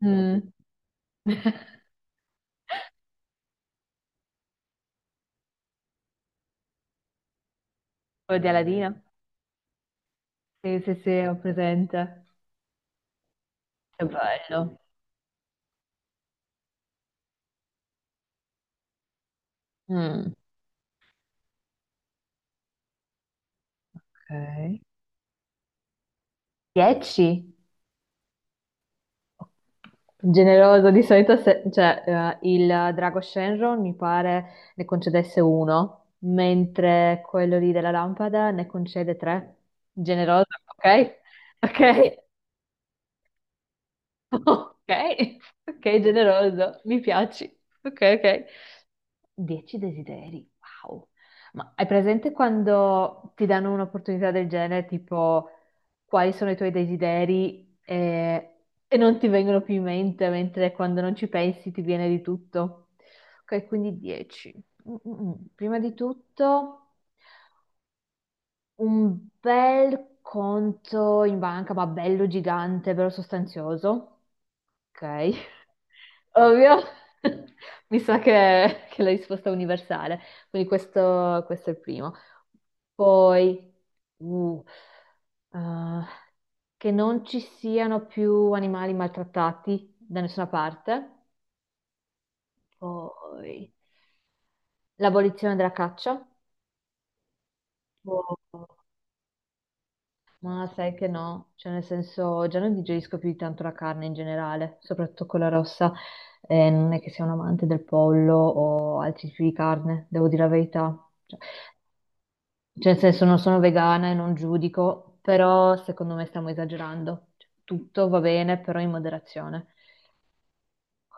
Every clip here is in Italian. Mm. Quello di Aladina? Sì, sì, sì, ho presente. Che bello. Mm. Ok. 10? Generoso, di solito cioè, il drago Shenron mi pare ne concedesse uno, mentre quello lì della lampada ne concede tre. Generoso, ok? Ok, ok, ok, generoso, mi piaci. Ok, ok. 10 desideri, wow. Ma hai presente quando ti danno un'opportunità del genere, tipo quali sono i tuoi desideri e, non ti vengono più in mente, mentre quando non ci pensi ti viene di tutto? Ok, quindi 10. Mm, mm, mm. Prima di tutto un bel conto in banca, ma bello gigante, bello sostanzioso. Ok, ovvio, mi sa che, è la risposta è universale, quindi questo è il primo. Poi, uh, eh, che non ci siano più animali maltrattati da nessuna parte, poi l'abolizione della caccia. Poi, ma sai che no, cioè nel senso già non digerisco più di tanto la carne in generale, soprattutto quella rossa. Non è che sia un amante del pollo o altri tipi di carne, devo dire la verità. cioè, nel senso non sono vegana e non giudico, però secondo me stiamo esagerando. Cioè, tutto va bene, però in moderazione.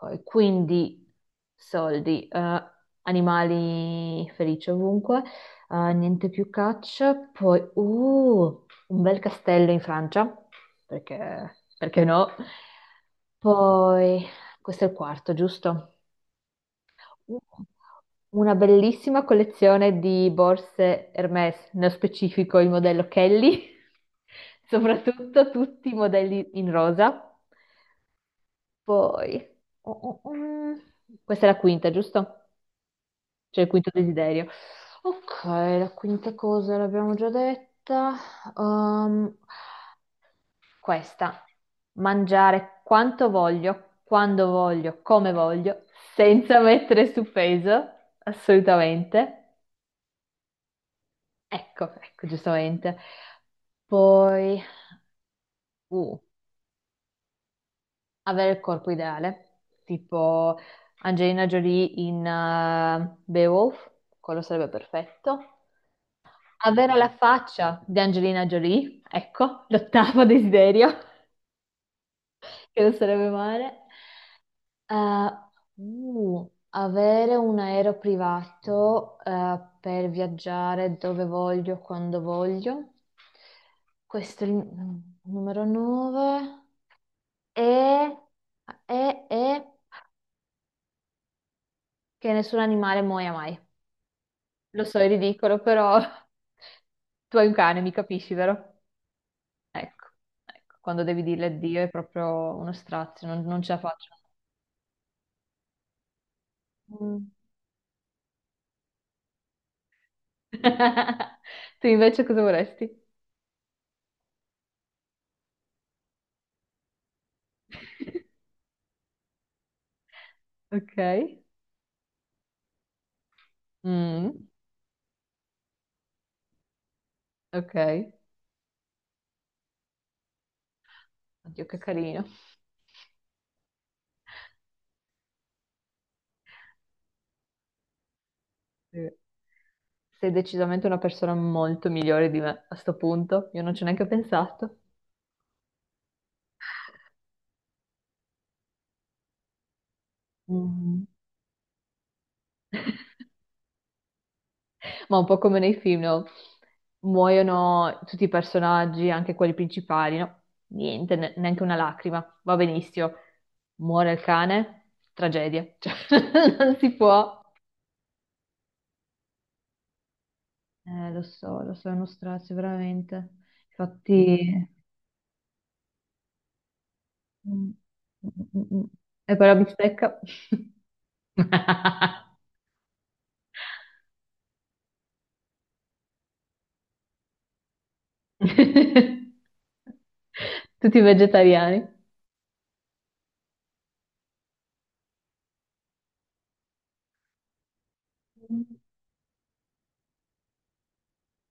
Ok, quindi soldi, animali felici ovunque, niente più caccia, poi un bel castello in Francia, perché, perché no? Poi, questo è il quarto, giusto? Uh, Una bellissima collezione di borse Hermès, nello specifico il modello Kelly, soprattutto tutti i modelli in rosa. Poi, oh, oh, oh. Questa è la quinta, giusto? Cioè il quinto desiderio. Ok, la quinta cosa l'abbiamo già detta. Ehm, questa, mangiare quanto voglio, quando voglio, come voglio, senza mettere su peso, assolutamente. Ecco, ecco, giustamente. Poi, uh, avere il corpo ideale, tipo Angelina Jolie in Beowulf, quello sarebbe perfetto. Avere la faccia di Angelina Jolie, ecco, l'ottavo desiderio, che non sarebbe male. Eh, avere un aereo privato, per viaggiare dove voglio, quando voglio. Questo è il numero 9. E, e che nessun animale muoia mai. Lo so, è ridicolo, però tu hai un cane, mi capisci, vero? Ecco, ecco, quando devi dirle addio è proprio uno strazio, non ce la faccio. Mm. Tu invece cosa vorresti? Ok. Mm, ok. Oddio, che carino. Sì. Sei decisamente una persona molto migliore di me a sto punto. Io non ci ho neanche pensato. Mm. Ma un po' come nei film, no? Muoiono tutti i personaggi, anche quelli principali, no? Niente, neanche una lacrima, va benissimo. Muore il cane, tragedia. Cioè, non si può. Lo so, è uno strazio, veramente. Infatti. Mm, mm, mm. E poi la bistecca. Tutti vegetariani.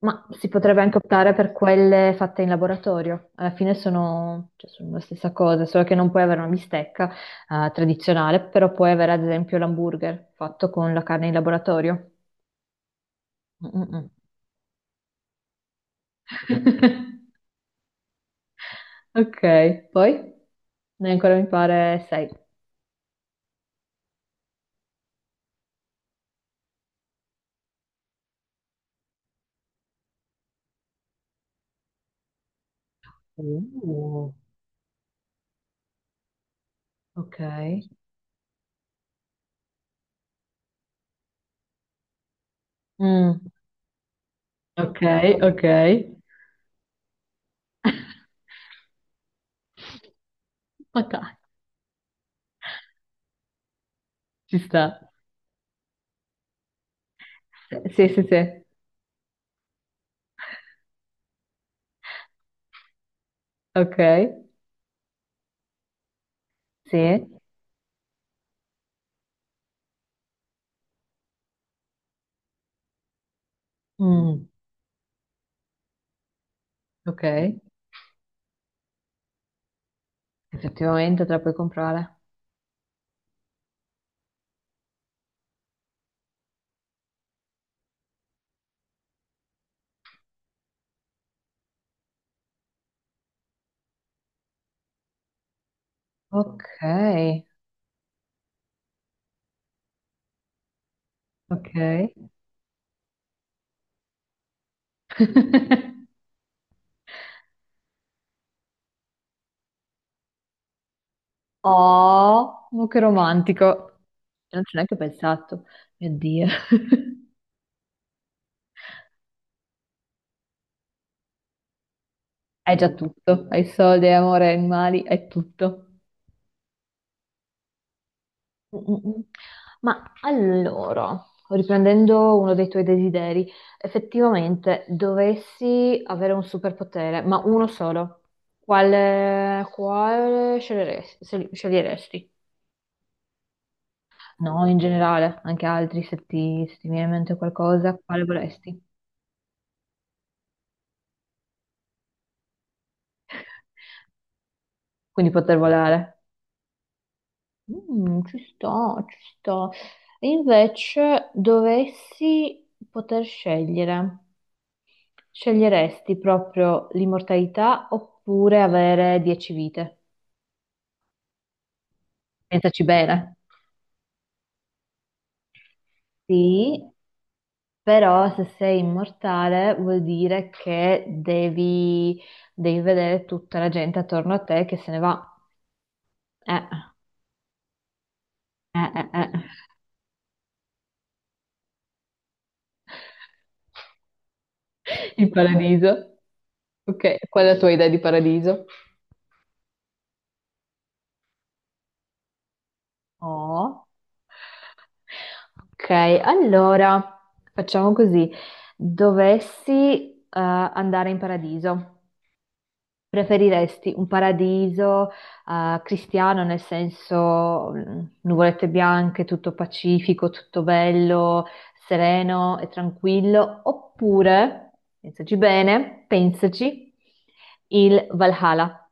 Ma si potrebbe anche optare per quelle fatte in laboratorio. Alla fine sono, cioè, sono la stessa cosa, solo che non puoi avere una bistecca, tradizionale, però puoi avere ad esempio l'hamburger fatto con la carne in laboratorio. Mm, mm, mm. Ok, poi ne hai ancora mi pare sei. Uh, Ok. Mm, ok, ok. Ma dai, ci sta. Sì, sì, sì. Ok. Sì. Mm, ok. Effettivamente te la puoi comprare. Ok, ok. Oh, ma che romantico. Io non ci ho neanche pensato. Mio Dio. Hai già tutto. Hai soldi, hai amore, hai animali, hai tutto. Mm, mm, mm. Ma allora, riprendendo uno dei tuoi desideri, effettivamente dovessi avere un superpotere, ma uno solo, quale sceglieresti? No, in generale, anche altri, se ti viene in mente qualcosa, quale vorresti? Quindi poter volare. Mm, ci sto, ci sto. E invece dovessi poter scegliere, sceglieresti proprio l'immortalità oppure avere 10 vite? Pensaci bene. Sì, però se sei immortale vuol dire che devi vedere tutta la gente attorno a te che se ne va. Eh, eh, eh. Il paradiso. Ok, qual è la tua idea di paradiso? Oh. Ok, allora facciamo così. Dovessi andare in paradiso, preferiresti un paradiso cristiano nel senso nuvolette bianche, tutto pacifico, tutto bello, sereno e tranquillo, oppure, pensaci bene, pensaci, il Valhalla.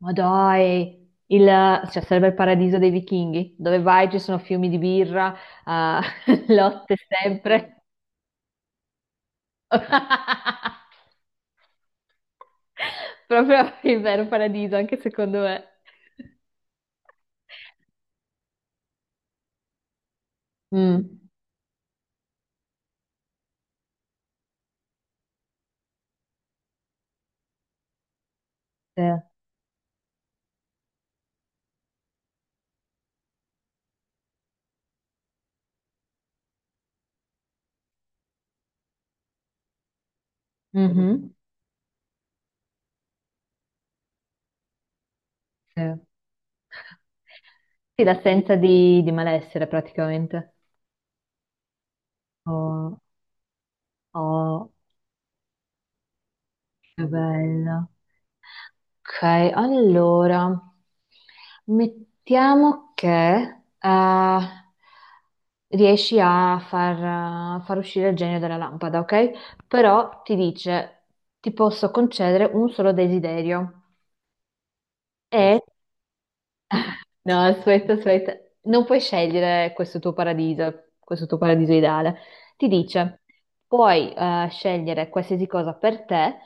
Ma dai, il, cioè, sarebbe il paradiso dei vichinghi, dove vai ci sono fiumi di birra, ah, lotte sempre. Proprio il vero paradiso, anche secondo me. Mm, sì. Mhm, sì. Sì, l'assenza di malessere praticamente. Oh, oh, che bello. Ok, allora, mettiamo che riesci a far uscire il genio dalla lampada, ok? Però ti dice, ti posso concedere un solo desiderio. Mm. E no, aspetta, aspetta. Non puoi scegliere questo tuo paradiso ideale. Ti dice, puoi scegliere qualsiasi cosa per te,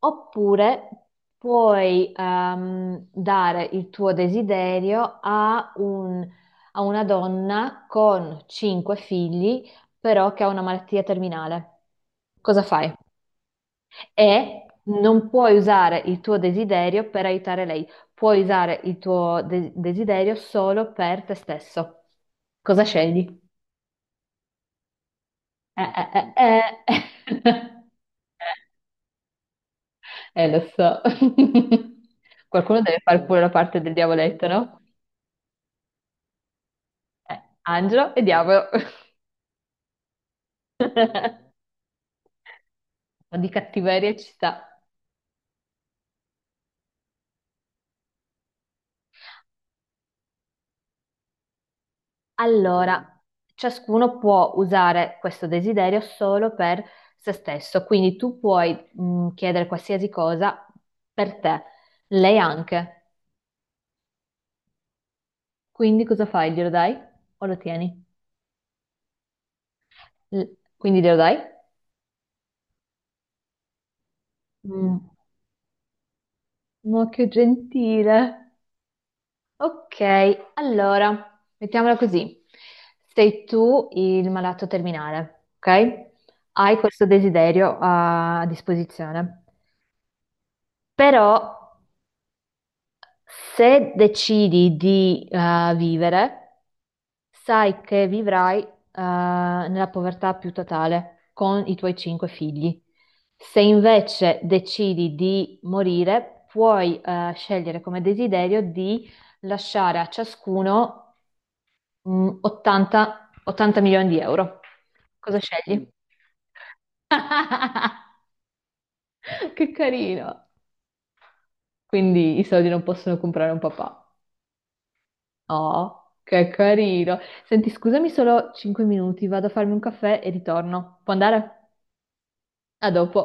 oppure puoi dare il tuo desiderio a una donna con cinque figli, però che ha una malattia terminale. Cosa fai? E non puoi usare il tuo desiderio per aiutare lei, puoi usare il tuo desiderio solo per te stesso. Cosa scegli? Eh, eh. Lo so. Qualcuno deve fare pure la parte del diavoletto, no? Angelo e diavolo. Un po' di cattiveria ci sta. Allora, ciascuno può usare questo desiderio solo per se stesso, quindi tu puoi chiedere qualsiasi cosa per te, lei anche. Quindi cosa fai? Glielo dai o lo tieni? L- quindi glielo dai? Mm. Ma che gentile. Ok, allora, mettiamola così. Sei tu il malato terminale, ok? Hai questo desiderio a disposizione. Però se decidi di vivere, sai che vivrai nella povertà più totale con i tuoi cinque figli. Se invece decidi di morire, puoi scegliere come desiderio di lasciare a ciascuno 80 milioni di euro. Cosa scegli? Che carino! Quindi i soldi non possono comprare un papà. Oh, che carino. Senti, scusami solo 5 minuti, vado a farmi un caffè e ritorno. Può andare? A dopo.